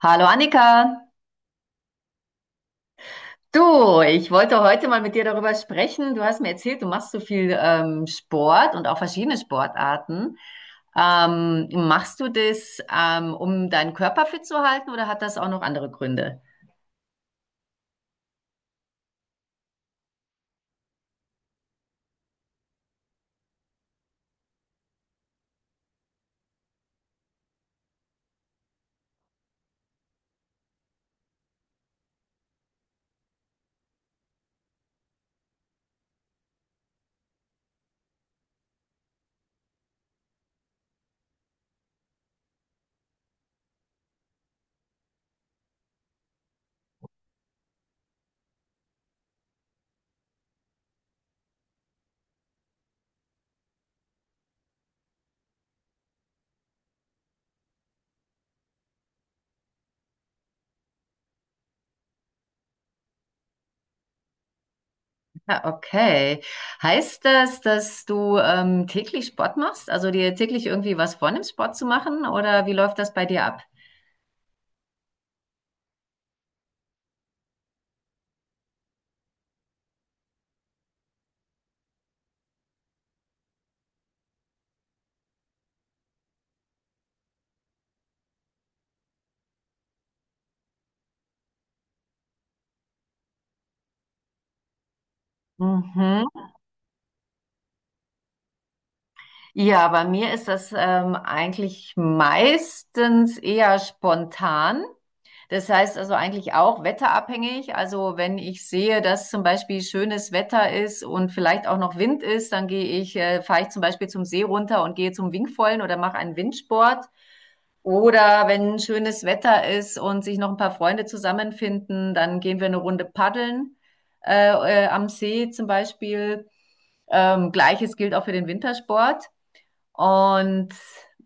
Hallo Annika, du, ich wollte heute mal mit dir darüber sprechen. Du hast mir erzählt, du machst so viel Sport und auch verschiedene Sportarten. Machst du das, um deinen Körper fit zu halten oder hat das auch noch andere Gründe? Ah, okay. Heißt das, dass du täglich Sport machst? Also dir täglich irgendwie was vornimmst, Sport zu machen? Oder wie läuft das bei dir ab? Mhm. Ja, bei mir ist das eigentlich meistens eher spontan. Das heißt also eigentlich auch wetterabhängig. Also wenn ich sehe, dass zum Beispiel schönes Wetter ist und vielleicht auch noch Wind ist, dann fahre ich zum Beispiel zum See runter und gehe zum Wingfoilen oder mache einen Windsport. Oder wenn schönes Wetter ist und sich noch ein paar Freunde zusammenfinden, dann gehen wir eine Runde paddeln am See zum Beispiel. Gleiches gilt auch für den Wintersport. Und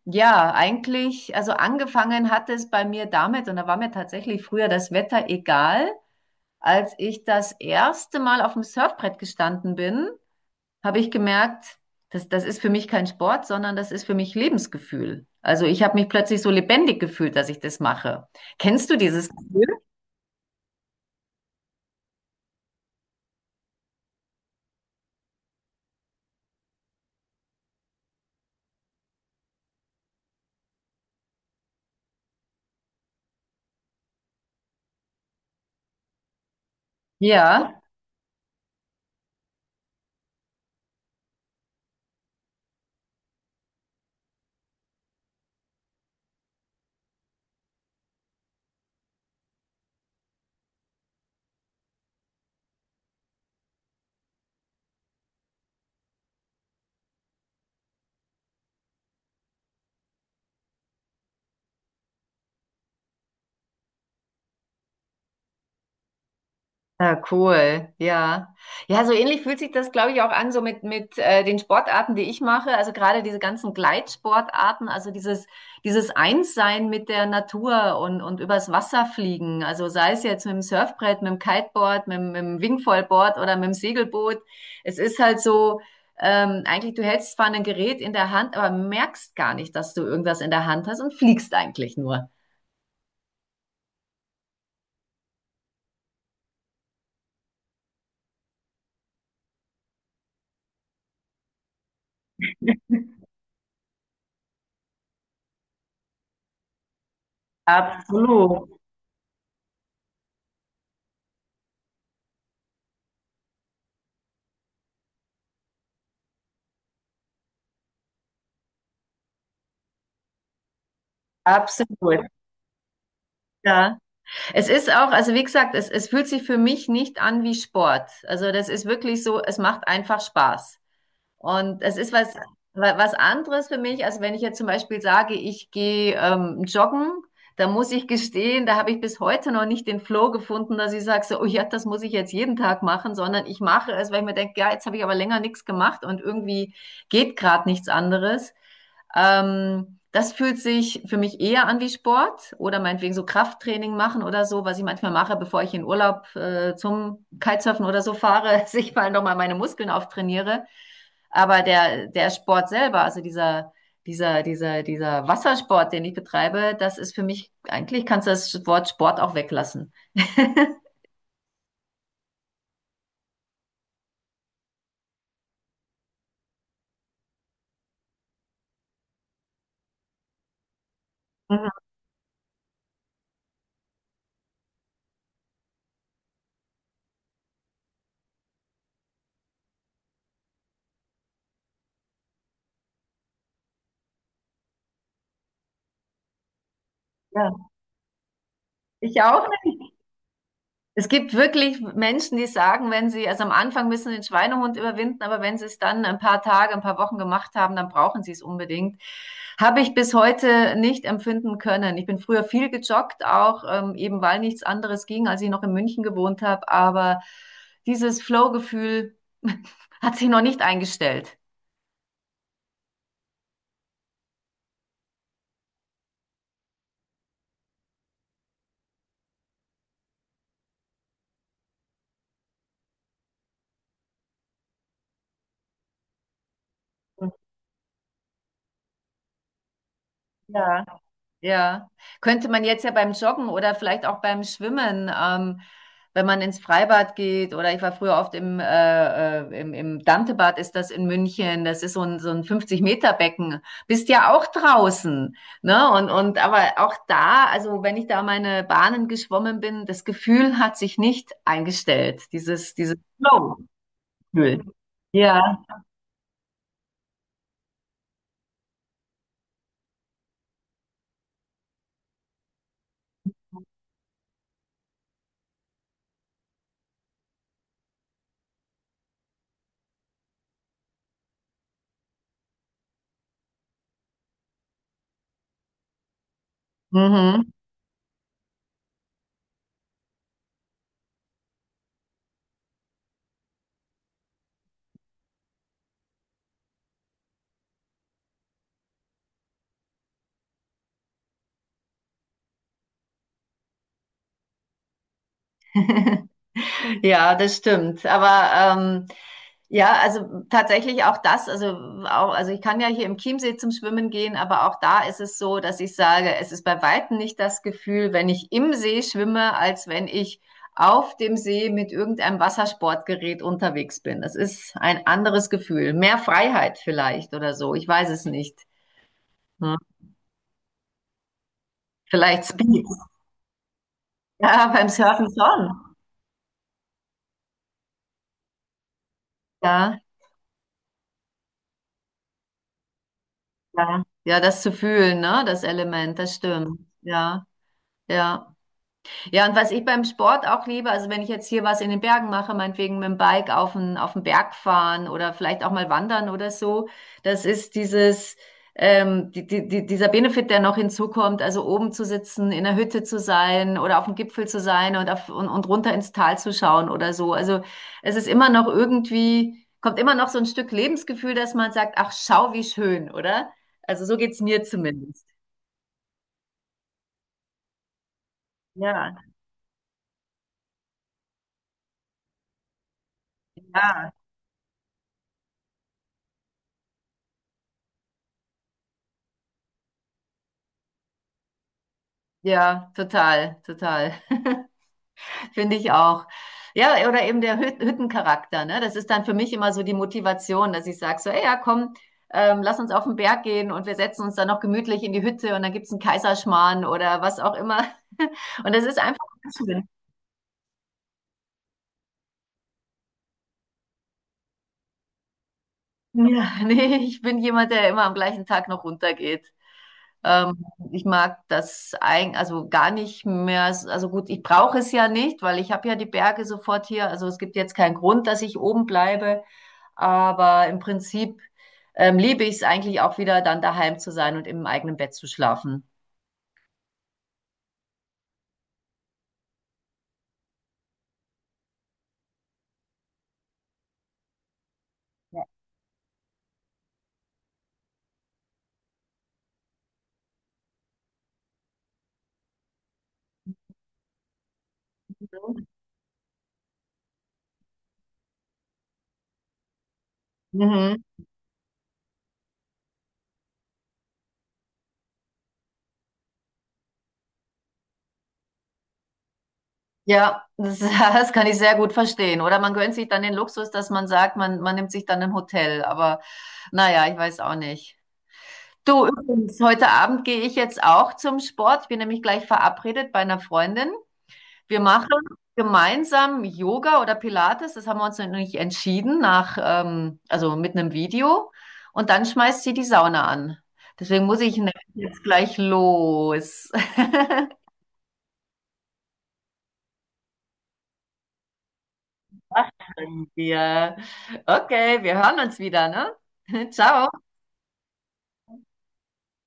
ja, eigentlich, also angefangen hat es bei mir damit, und da war mir tatsächlich früher das Wetter egal. Als ich das erste Mal auf dem Surfbrett gestanden bin, habe ich gemerkt, das ist für mich kein Sport, sondern das ist für mich Lebensgefühl. Also ich habe mich plötzlich so lebendig gefühlt, dass ich das mache. Kennst du dieses Gefühl? Ja. Ja, cool, ja. Ja, so ähnlich fühlt sich das, glaube ich, auch an, so mit den Sportarten, die ich mache. Also gerade diese ganzen Gleitsportarten, also dieses Einssein mit der Natur und übers Wasser fliegen. Also sei es jetzt mit dem Surfbrett, mit dem Kiteboard, mit dem Wingfoilboard oder mit dem Segelboot. Es ist halt so, eigentlich, du hältst zwar ein Gerät in der Hand, aber merkst gar nicht, dass du irgendwas in der Hand hast und fliegst eigentlich nur. Absolut, absolut. Ja. Es ist auch, also wie gesagt, es fühlt sich für mich nicht an wie Sport. Also das ist wirklich so, es macht einfach Spaß. Und es ist was anderes für mich, als wenn ich jetzt zum Beispiel sage, ich gehe joggen, da muss ich gestehen, da habe ich bis heute noch nicht den Flow gefunden, dass ich sage, so, oh ja, das muss ich jetzt jeden Tag machen, sondern ich mache es, weil ich mir denke, ja, jetzt habe ich aber länger nichts gemacht und irgendwie geht gerade nichts anderes. Das fühlt sich für mich eher an wie Sport oder meinetwegen so Krafttraining machen oder so, was ich manchmal mache, bevor ich in Urlaub zum Kitesurfen oder so fahre, dass ich mal nochmal meine Muskeln auftrainiere. Aber der Sport selber, also dieser Wassersport, den ich betreibe, das ist für mich, eigentlich kannst du das Wort Sport auch weglassen. Ja. Ich auch. Es gibt wirklich Menschen, die sagen, wenn sie, also am Anfang müssen den Schweinehund überwinden, aber wenn sie es dann ein paar Tage, ein paar Wochen gemacht haben, dann brauchen sie es unbedingt. Habe ich bis heute nicht empfinden können. Ich bin früher viel gejoggt, auch eben weil nichts anderes ging, als ich noch in München gewohnt habe, aber dieses Flow-Gefühl hat sich noch nicht eingestellt. Ja. Ja, könnte man jetzt ja beim Joggen oder vielleicht auch beim Schwimmen, wenn man ins Freibad geht oder ich war früher oft im Dantebad, ist das in München, das ist so ein 50 Meter Becken, bist ja auch draußen, ne? Und aber auch da, also wenn ich da meine Bahnen geschwommen bin, das Gefühl hat sich nicht eingestellt, dieses Flow-Gefühl. Ja, mhm. Ja, das stimmt. Aber ja, also tatsächlich auch das, also auch, also ich kann ja hier im Chiemsee zum Schwimmen gehen, aber auch da ist es so, dass ich sage, es ist bei weitem nicht das Gefühl, wenn ich im See schwimme, als wenn ich auf dem See mit irgendeinem Wassersportgerät unterwegs bin. Das ist ein anderes Gefühl. Mehr Freiheit vielleicht oder so. Ich weiß es nicht. Hm. Vielleicht Speed. Ja, beim Surfen schon. Ja. Ja, ja, das zu fühlen, ne, das Element, das stimmt. Ja, ja. Ja, und was ich beim Sport auch liebe, also wenn ich jetzt hier was in den Bergen mache, meinetwegen mit dem Bike auf den Berg fahren oder vielleicht auch mal wandern oder so, das ist dieses, dieser Benefit, der noch hinzukommt, also oben zu sitzen, in der Hütte zu sein oder auf dem Gipfel zu sein und runter ins Tal zu schauen oder so. Also es ist immer noch irgendwie, kommt immer noch so ein Stück Lebensgefühl, dass man sagt, ach, schau, wie schön, oder? Also so geht's mir zumindest. Ja, ja, ja, total, total. Finde ich auch. Ja, oder eben der Hüttencharakter, ne? Das ist dann für mich immer so die Motivation, dass ich sage so, ey, ja, komm, lass uns auf den Berg gehen und wir setzen uns dann noch gemütlich in die Hütte und dann gibt's einen Kaiserschmarrn oder was auch immer. Und das ist einfach schön. Ja, nee, ich bin jemand, der immer am gleichen Tag noch runtergeht. Ähm, ich mag das eigentlich, also gar nicht mehr. Also gut, ich brauche es ja nicht, weil ich habe ja die Berge sofort hier. Also es gibt jetzt keinen Grund, dass ich oben bleibe. Aber im Prinzip liebe ich es eigentlich auch wieder, dann daheim zu sein und im eigenen Bett zu schlafen. Ja. Mhm. Ja, das, das kann ich sehr gut verstehen. Oder man gönnt sich dann den Luxus, dass man sagt, man nimmt sich dann ein Hotel. Aber naja, ich weiß auch nicht. Du, übrigens, heute Abend gehe ich jetzt auch zum Sport. Ich bin nämlich gleich verabredet bei einer Freundin. Wir machen gemeinsam Yoga oder Pilates. Das haben wir uns noch nicht entschieden, also mit einem Video. Und dann schmeißt sie die Sauna an. Deswegen muss ich nämlich jetzt gleich los. Machen wir. Okay, wir hören uns wieder, ne? Ciao.